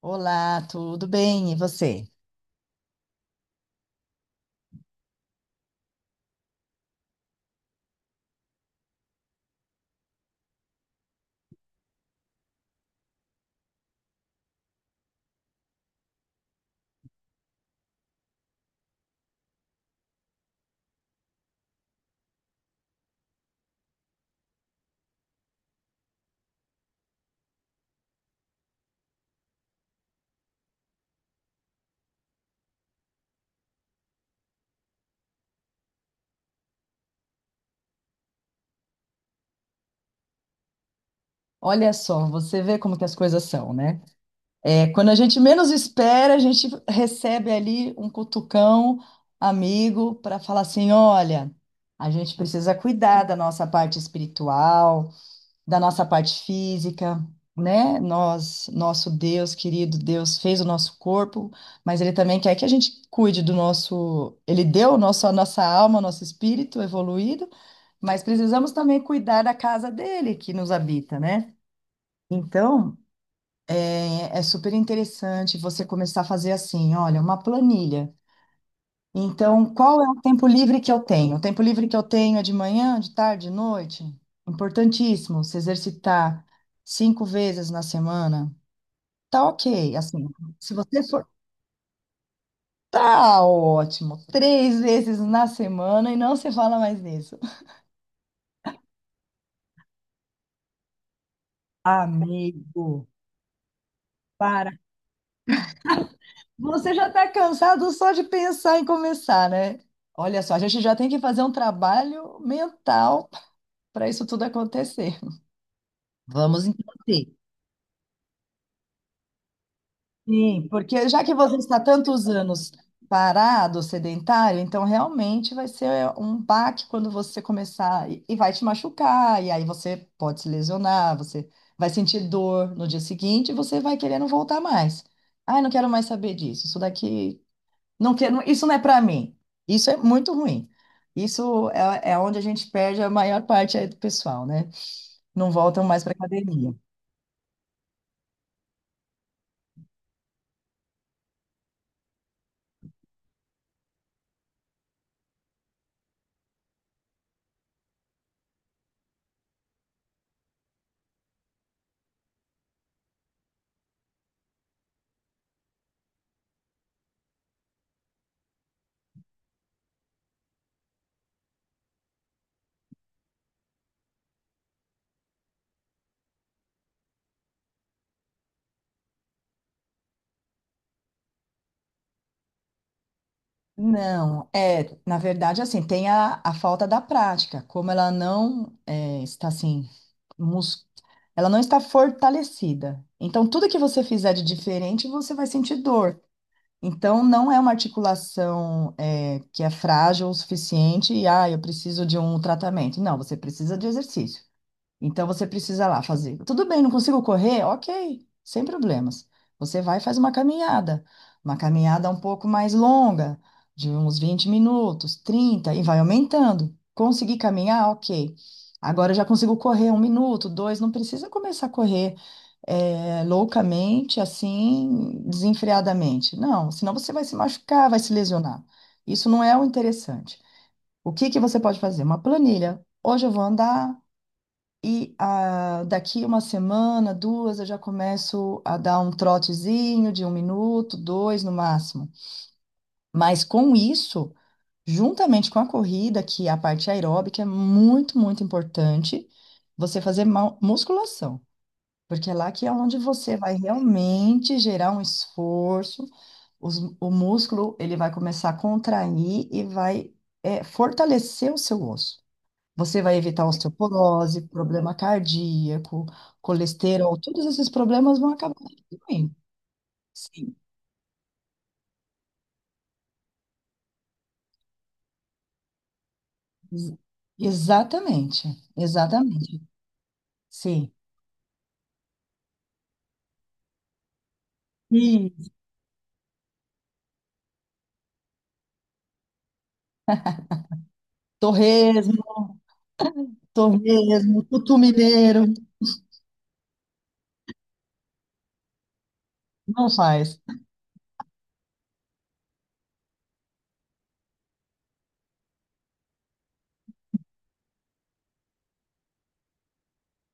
Olá, tudo bem? E você? Olha só, você vê como que as coisas são, né? É, quando a gente menos espera, a gente recebe ali um cutucão amigo para falar assim: olha, a gente precisa cuidar da nossa parte espiritual, da nossa parte física, né? Nós, nosso Deus querido, Deus fez o nosso corpo, mas Ele também quer que a gente cuide do nosso. Ele deu o nosso, a nossa alma, nosso espírito evoluído. Mas precisamos também cuidar da casa dele que nos habita, né? Então, é super interessante você começar a fazer assim, olha, uma planilha. Então, qual é o tempo livre que eu tenho? O tempo livre que eu tenho é de manhã, de tarde, de noite? Importantíssimo se exercitar cinco vezes na semana. Tá ok, assim, se você for, tá ótimo, três vezes na semana e não se fala mais nisso. Amigo, para. Você já está cansado só de pensar em começar, né? Olha só, a gente já tem que fazer um trabalho mental para isso tudo acontecer. Vamos então ter. Sim, porque já que você está tantos anos parado, sedentário, então realmente vai ser um baque quando você começar e vai te machucar, e aí você pode se lesionar, você vai sentir dor no dia seguinte e você vai querendo voltar mais. Ai, não quero mais saber disso. Isso daqui. Não quero, isso não é para mim. Isso é muito ruim. Isso é onde a gente perde a maior parte aí do pessoal, né? Não voltam mais para academia. Não, é, na verdade, assim, tem a falta da prática, como ela não é, está assim, mus... ela não está fortalecida. Então, tudo que você fizer de diferente, você vai sentir dor. Então, não é uma articulação é, que é frágil o suficiente e, eu preciso de um tratamento. Não, você precisa de exercício. Então você precisa lá fazer. Tudo bem, não consigo correr? Ok, sem problemas. Você vai e faz uma caminhada um pouco mais longa, de uns 20 minutos, 30 e vai aumentando. Consegui caminhar? Ok. Agora eu já consigo correr um minuto, dois, não precisa começar a correr loucamente, assim, desenfreadamente. Não, senão você vai se machucar, vai se lesionar. Isso não é o interessante. O que que você pode fazer? Uma planilha. Hoje eu vou andar. E daqui uma semana, duas, eu já começo a dar um trotezinho de um minuto, dois no máximo. Mas com isso, juntamente com a corrida, que é a parte aeróbica é muito, muito importante, você fazer musculação. Porque é lá que é onde você vai realmente gerar um esforço, o músculo ele vai começar a contrair e vai fortalecer o seu osso. Você vai evitar osteoporose, problema cardíaco, colesterol, todos esses problemas vão acabar diminuindo. Sim, ex- exatamente, exatamente. Sim. E torresmo, torresmo, tutu mineiro, não faz.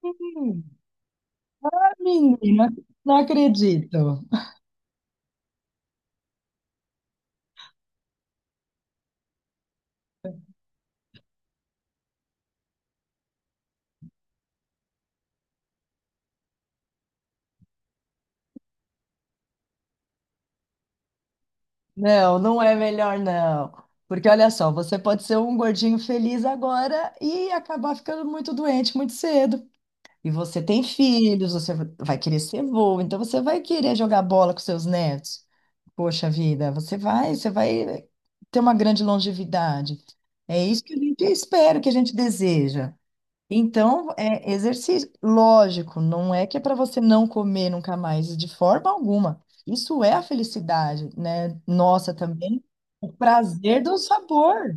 Hum, Menina, não acredito. Não, não é melhor não. Porque olha só, você pode ser um gordinho feliz agora e acabar ficando muito doente muito cedo. E você tem filhos, você vai querer ser vô, então você vai querer jogar bola com seus netos. Poxa vida, você vai ter uma grande longevidade. É isso que a gente espera, que a gente deseja. Então, é exercício, lógico, não é que é para você não comer nunca mais, de forma alguma. Isso é a felicidade, né? Nossa, também o prazer do sabor.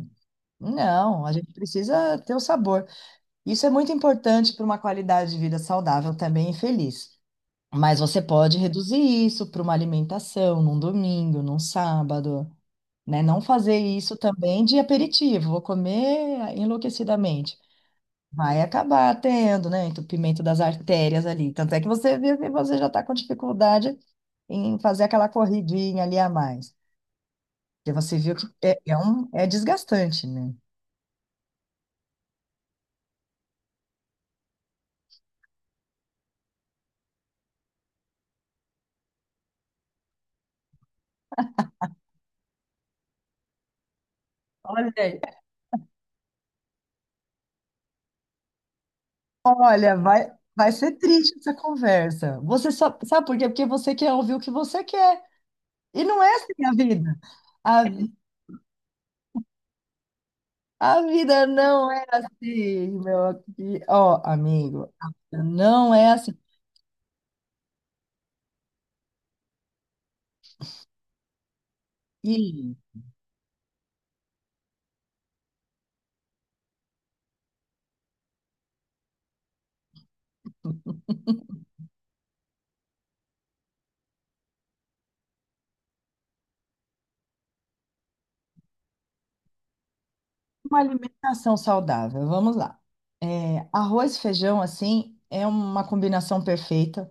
Não, a gente precisa ter o sabor. Isso é muito importante para uma qualidade de vida saudável também e feliz. Mas você pode reduzir isso para uma alimentação num domingo, num sábado, né? Não fazer isso também de aperitivo, vou comer enlouquecidamente. Vai acabar tendo, né, entupimento das artérias ali. Tanto é que você vê que você já está com dificuldade em fazer aquela corridinha ali a mais. Porque você viu que é um, é desgastante, né? Olha, Olha, vai ser triste essa conversa. Você só, sabe por quê? Porque você quer ouvir o que você quer. E não é assim a vida. A, a vida não é assim, meu. E, ó, amigo, a vida não é assim. E uma alimentação saudável, vamos lá. É, arroz e feijão, assim, é uma combinação perfeita.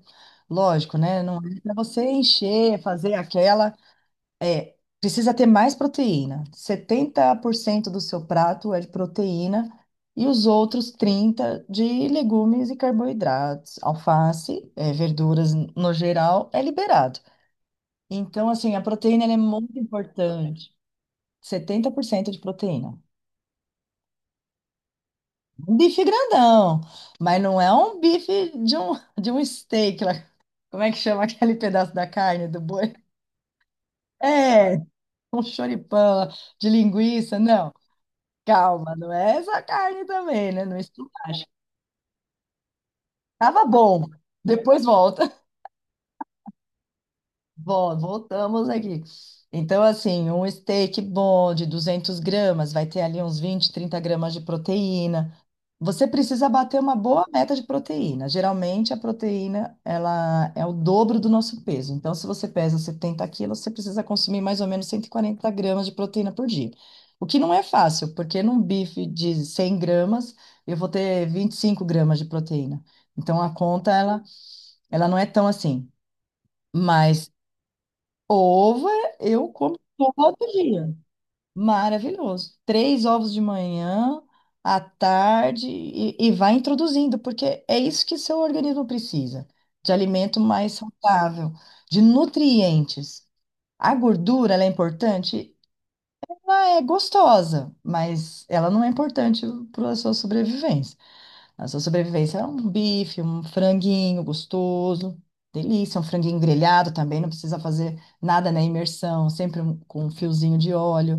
Lógico, né? Não é para você encher, fazer aquela. É, precisa ter mais proteína. 70% do seu prato é de proteína e os outros 30% de legumes e carboidratos. Alface, é, verduras no geral, é liberado. Então, assim, a proteína ela é muito importante. 70% de proteína. Um bife grandão, mas não é um bife de um, steak lá. Como é que chama aquele pedaço da carne do boi? É, um choripão de linguiça, não. Calma, não é essa carne também, né? Não estupacha. Tava bom. Depois volta. Bom, voltamos aqui. Então, assim, um steak bom de 200 gramas vai ter ali uns 20, 30 gramas de proteína. Você precisa bater uma boa meta de proteína. Geralmente, a proteína, ela é o dobro do nosso peso. Então, se você pesa 70 quilos, você precisa consumir mais ou menos 140 gramas de proteína por dia. O que não é fácil, porque num bife de 100 gramas, eu vou ter 25 gramas de proteína. Então, a conta, ela não é tão assim. Mas ovo eu como todo dia. Maravilhoso. Três ovos de manhã, à tarde, e vai introduzindo, porque é isso que seu organismo precisa, de alimento mais saudável, de nutrientes. A gordura, ela é importante? Ela é gostosa, mas ela não é importante para a sua sobrevivência. A sua sobrevivência é um bife, um franguinho gostoso, delícia, um franguinho grelhado também, não precisa fazer nada na imersão, sempre com um fiozinho de óleo.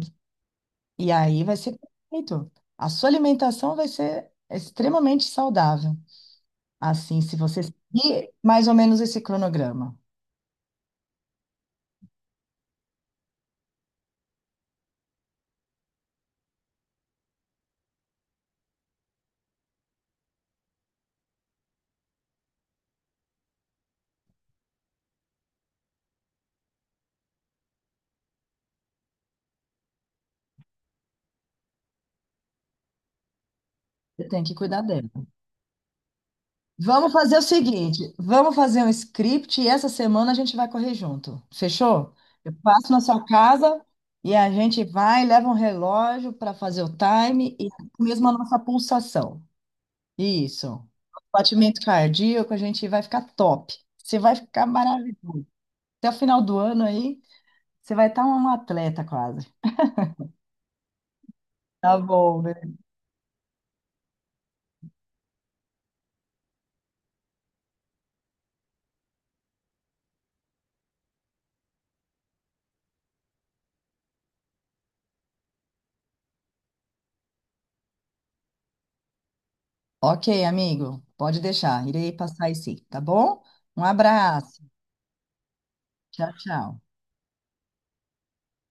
E aí vai ser perfeito. A sua alimentação vai ser extremamente saudável. Assim, se você seguir mais ou menos esse cronograma, você tem que cuidar dela. Vamos fazer o seguinte, vamos fazer um script e essa semana a gente vai correr junto. Fechou? Eu passo na sua casa e a gente vai, leva um relógio para fazer o time e mesmo a nossa pulsação. Isso. Batimento cardíaco, a gente vai ficar top. Você vai ficar maravilhoso. Até o final do ano aí, você vai estar um atleta quase. Tá bom, né? Ok, amigo, pode deixar. Irei passar aí sim, tá bom? Um abraço. Tchau, tchau.